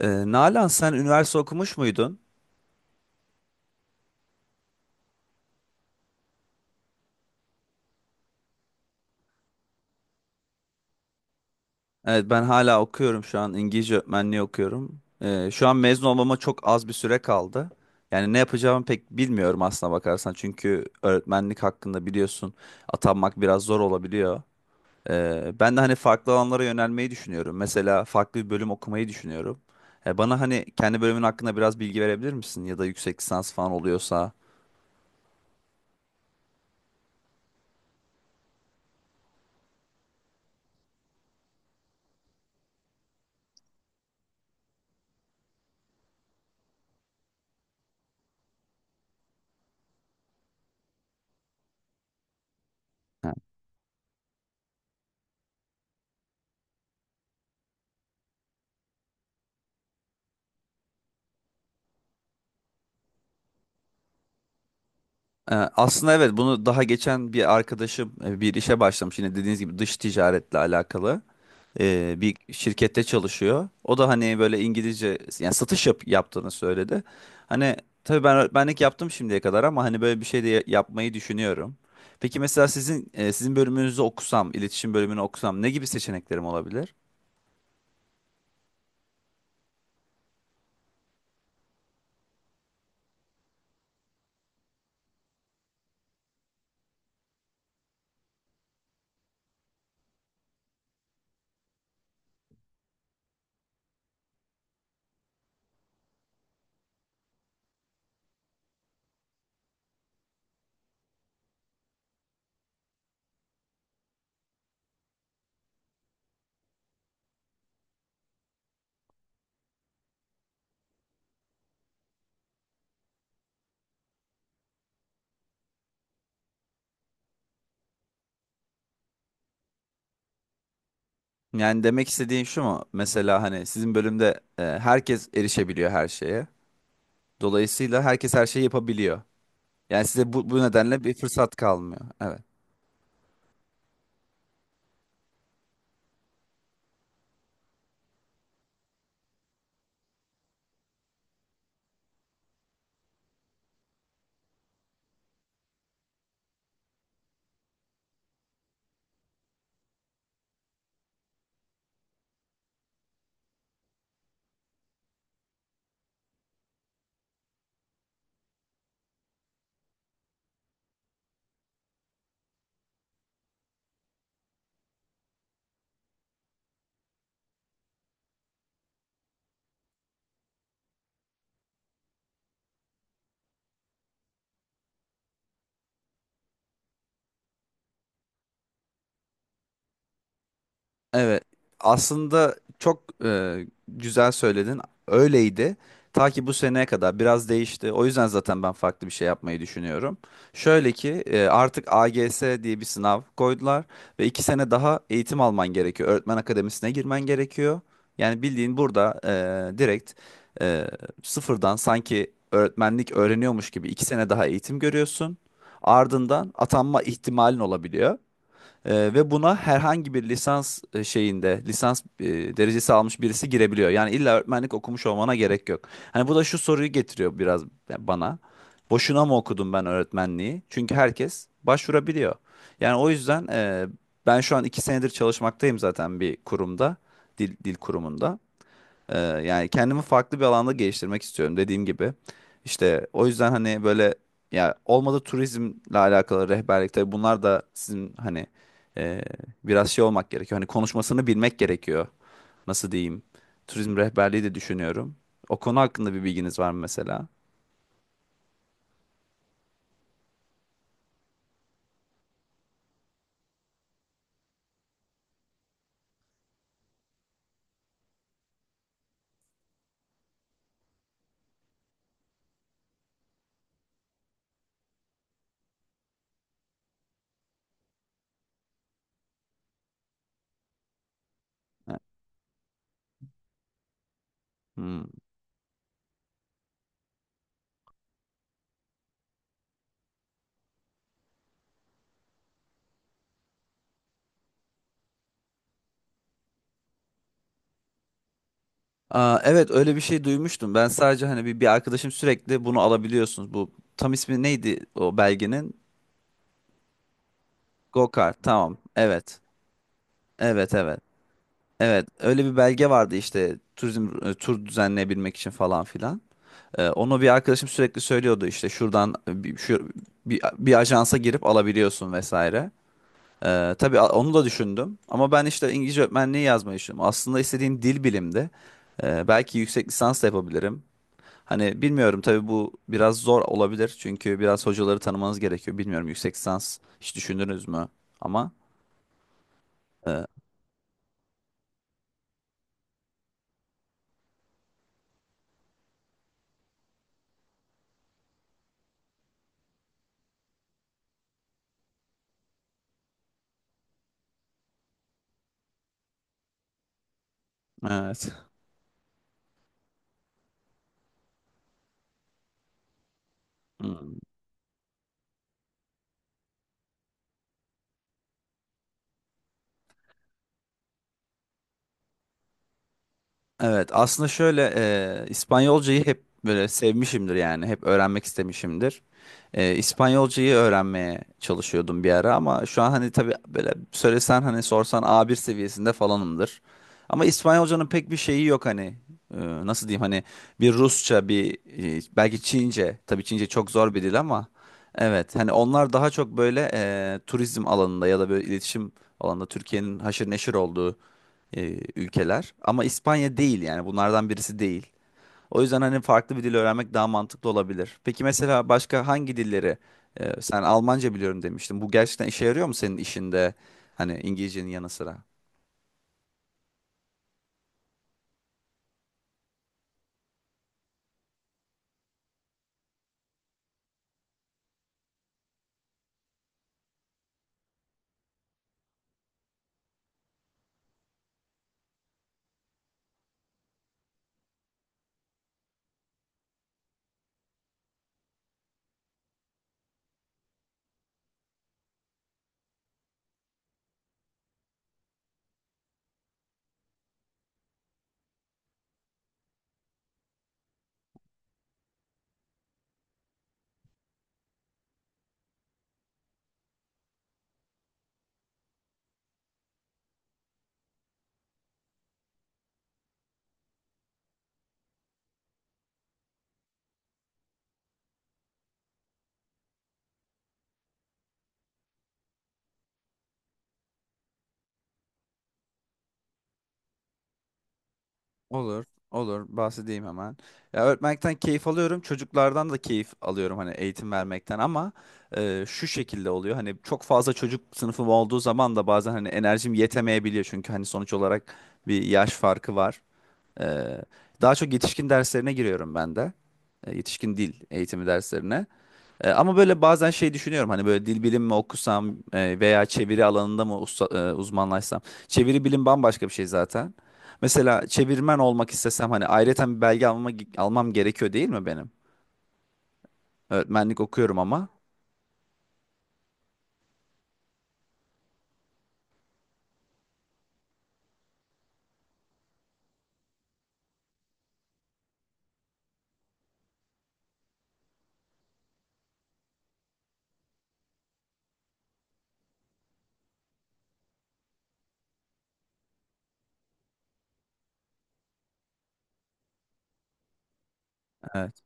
Nalan, sen üniversite okumuş muydun? Evet, ben hala okuyorum, şu an İngilizce öğretmenliği okuyorum. Şu an mezun olmama çok az bir süre kaldı. Yani ne yapacağımı pek bilmiyorum, aslına bakarsan. Çünkü öğretmenlik hakkında biliyorsun, atanmak biraz zor olabiliyor. Ben de hani farklı alanlara yönelmeyi düşünüyorum. Mesela farklı bir bölüm okumayı düşünüyorum. Bana hani kendi bölümün hakkında biraz bilgi verebilir misin? Ya da yüksek lisans falan oluyorsa. Aslında evet, bunu daha geçen bir arkadaşım bir işe başlamış, yine dediğiniz gibi dış ticaretle alakalı bir şirkette çalışıyor. O da hani böyle İngilizce, yani satış yaptığını söyledi. Hani tabii ben öğretmenlik yaptım şimdiye kadar, ama hani böyle bir şey de yapmayı düşünüyorum. Peki mesela sizin bölümünüzü okusam, iletişim bölümünü okusam ne gibi seçeneklerim olabilir? Yani demek istediğim şu mu? Mesela hani sizin bölümde herkes erişebiliyor her şeye. Dolayısıyla herkes her şeyi yapabiliyor. Yani size bu nedenle bir fırsat kalmıyor. Evet. Evet. Aslında çok güzel söyledin. Öyleydi. Ta ki bu seneye kadar biraz değişti. O yüzden zaten ben farklı bir şey yapmayı düşünüyorum. Şöyle ki artık AGS diye bir sınav koydular ve 2 sene daha eğitim alman gerekiyor. Öğretmen akademisine girmen gerekiyor. Yani bildiğin burada direkt e, sıfırdan, sanki öğretmenlik öğreniyormuş gibi 2 sene daha eğitim görüyorsun. Ardından atanma ihtimalin olabiliyor. Ve buna herhangi bir lisans şeyinde, lisans derecesi almış birisi girebiliyor. Yani illa öğretmenlik okumuş olmana gerek yok. Hani bu da şu soruyu getiriyor biraz bana. Boşuna mı okudum ben öğretmenliği? Çünkü herkes başvurabiliyor. Yani o yüzden ben şu an 2 senedir çalışmaktayım zaten bir kurumda, dil kurumunda. Yani kendimi farklı bir alanda geliştirmek istiyorum, dediğim gibi. İşte o yüzden hani böyle, ya olmadı turizmle alakalı rehberlik, tabii bunlar da sizin hani e, biraz şey olmak gerekiyor. Hani konuşmasını bilmek gerekiyor. Nasıl diyeyim? Turizm rehberliği de düşünüyorum. O konu hakkında bir bilginiz var mı mesela? Hmm. Aa, evet, öyle bir şey duymuştum. Ben sadece hani bir arkadaşım sürekli bunu alabiliyorsunuz. Bu tam ismi neydi o belgenin? Gokart. Tamam. Evet. Evet, evet. Evet, öyle bir belge vardı işte turizm tur düzenleyebilmek için falan filan. Onu bir arkadaşım sürekli söylüyordu, işte şuradan bir ajansa girip alabiliyorsun vesaire. Tabii onu da düşündüm, ama ben işte İngilizce öğretmenliği yazmayı düşündüm. Aslında istediğim dil bilimdi. Belki yüksek lisans da yapabilirim. Hani bilmiyorum, tabii bu biraz zor olabilir çünkü biraz hocaları tanımanız gerekiyor. Bilmiyorum, yüksek lisans hiç düşündünüz mü? Ama e, evet. Hmm. Evet, aslında şöyle İspanyolcayı hep böyle sevmişimdir, yani hep öğrenmek istemişimdir. İspanyolcayı öğrenmeye çalışıyordum bir ara, ama şu an hani tabii böyle söylesen, hani sorsan A1 seviyesinde falanımdır. Ama İspanyolcanın pek bir şeyi yok hani. E, Nasıl diyeyim, hani bir Rusça, bir belki Çince, tabii Çince çok zor bir dil ama evet, hani onlar daha çok böyle turizm alanında ya da böyle iletişim alanında Türkiye'nin haşır neşir olduğu ülkeler. Ama İspanya değil, yani bunlardan birisi değil. O yüzden hani farklı bir dil öğrenmek daha mantıklı olabilir. Peki mesela başka hangi dilleri sen Almanca biliyorum demiştin. Bu gerçekten işe yarıyor mu senin işinde? Hani İngilizcenin yanı sıra. Olur, olur. Bahsedeyim hemen. Ya, öğretmekten keyif alıyorum. Çocuklardan da keyif alıyorum, hani eğitim vermekten ama şu şekilde oluyor. Hani çok fazla çocuk sınıfım olduğu zaman da bazen hani enerjim yetemeyebiliyor. Çünkü hani sonuç olarak bir yaş farkı var. Ee, Daha çok yetişkin derslerine giriyorum ben de. Yetişkin dil eğitimi derslerine. Ama böyle bazen şey düşünüyorum, hani böyle dil bilimi mi okusam veya çeviri alanında mı uzmanlaşsam. Çeviri bilim bambaşka bir şey zaten. Mesela çevirmen olmak istesem hani ayrıyeten bir belge almam gerekiyor değil mi benim? Öğretmenlik okuyorum ama. Evet.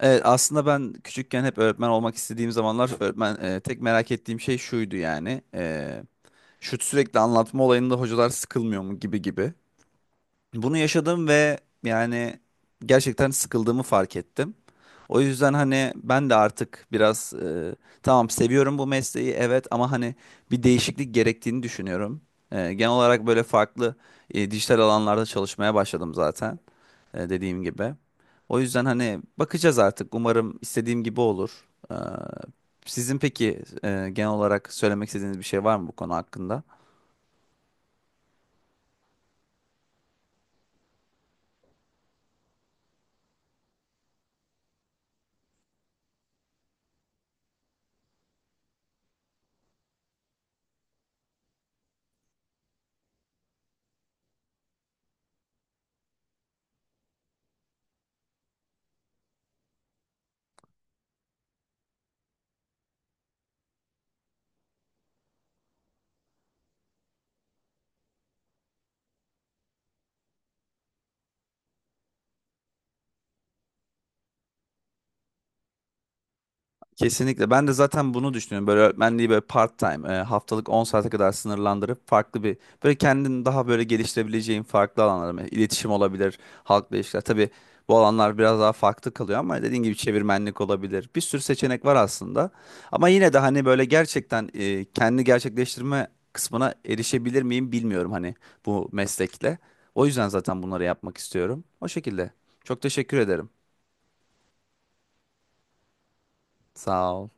Evet, aslında ben küçükken hep öğretmen olmak istediğim zamanlar öğretmen tek merak ettiğim şey şuydu, yani. Şu sürekli anlatma olayında hocalar sıkılmıyor mu gibi gibi. Bunu yaşadım ve, yani, gerçekten sıkıldığımı fark ettim. O yüzden hani ben de artık biraz tamam, seviyorum bu mesleği evet, ama hani bir değişiklik gerektiğini düşünüyorum. Genel olarak böyle farklı dijital alanlarda çalışmaya başladım zaten dediğim gibi. O yüzden hani bakacağız artık, umarım istediğim gibi olur. Sizin peki genel olarak söylemek istediğiniz bir şey var mı bu konu hakkında? Kesinlikle. Ben de zaten bunu düşünüyorum. Böyle öğretmenliği böyle part time, haftalık 10 saate kadar sınırlandırıp farklı bir, böyle kendini daha böyle geliştirebileceğin farklı alanlar, mesela iletişim olabilir, halkla ilişkiler. Tabii bu alanlar biraz daha farklı kalıyor ama dediğin gibi çevirmenlik olabilir. Bir sürü seçenek var aslında. Ama yine de hani böyle gerçekten kendini gerçekleştirme kısmına erişebilir miyim bilmiyorum, hani bu meslekle. O yüzden zaten bunları yapmak istiyorum. O şekilde. Çok teşekkür ederim. Sağ ol.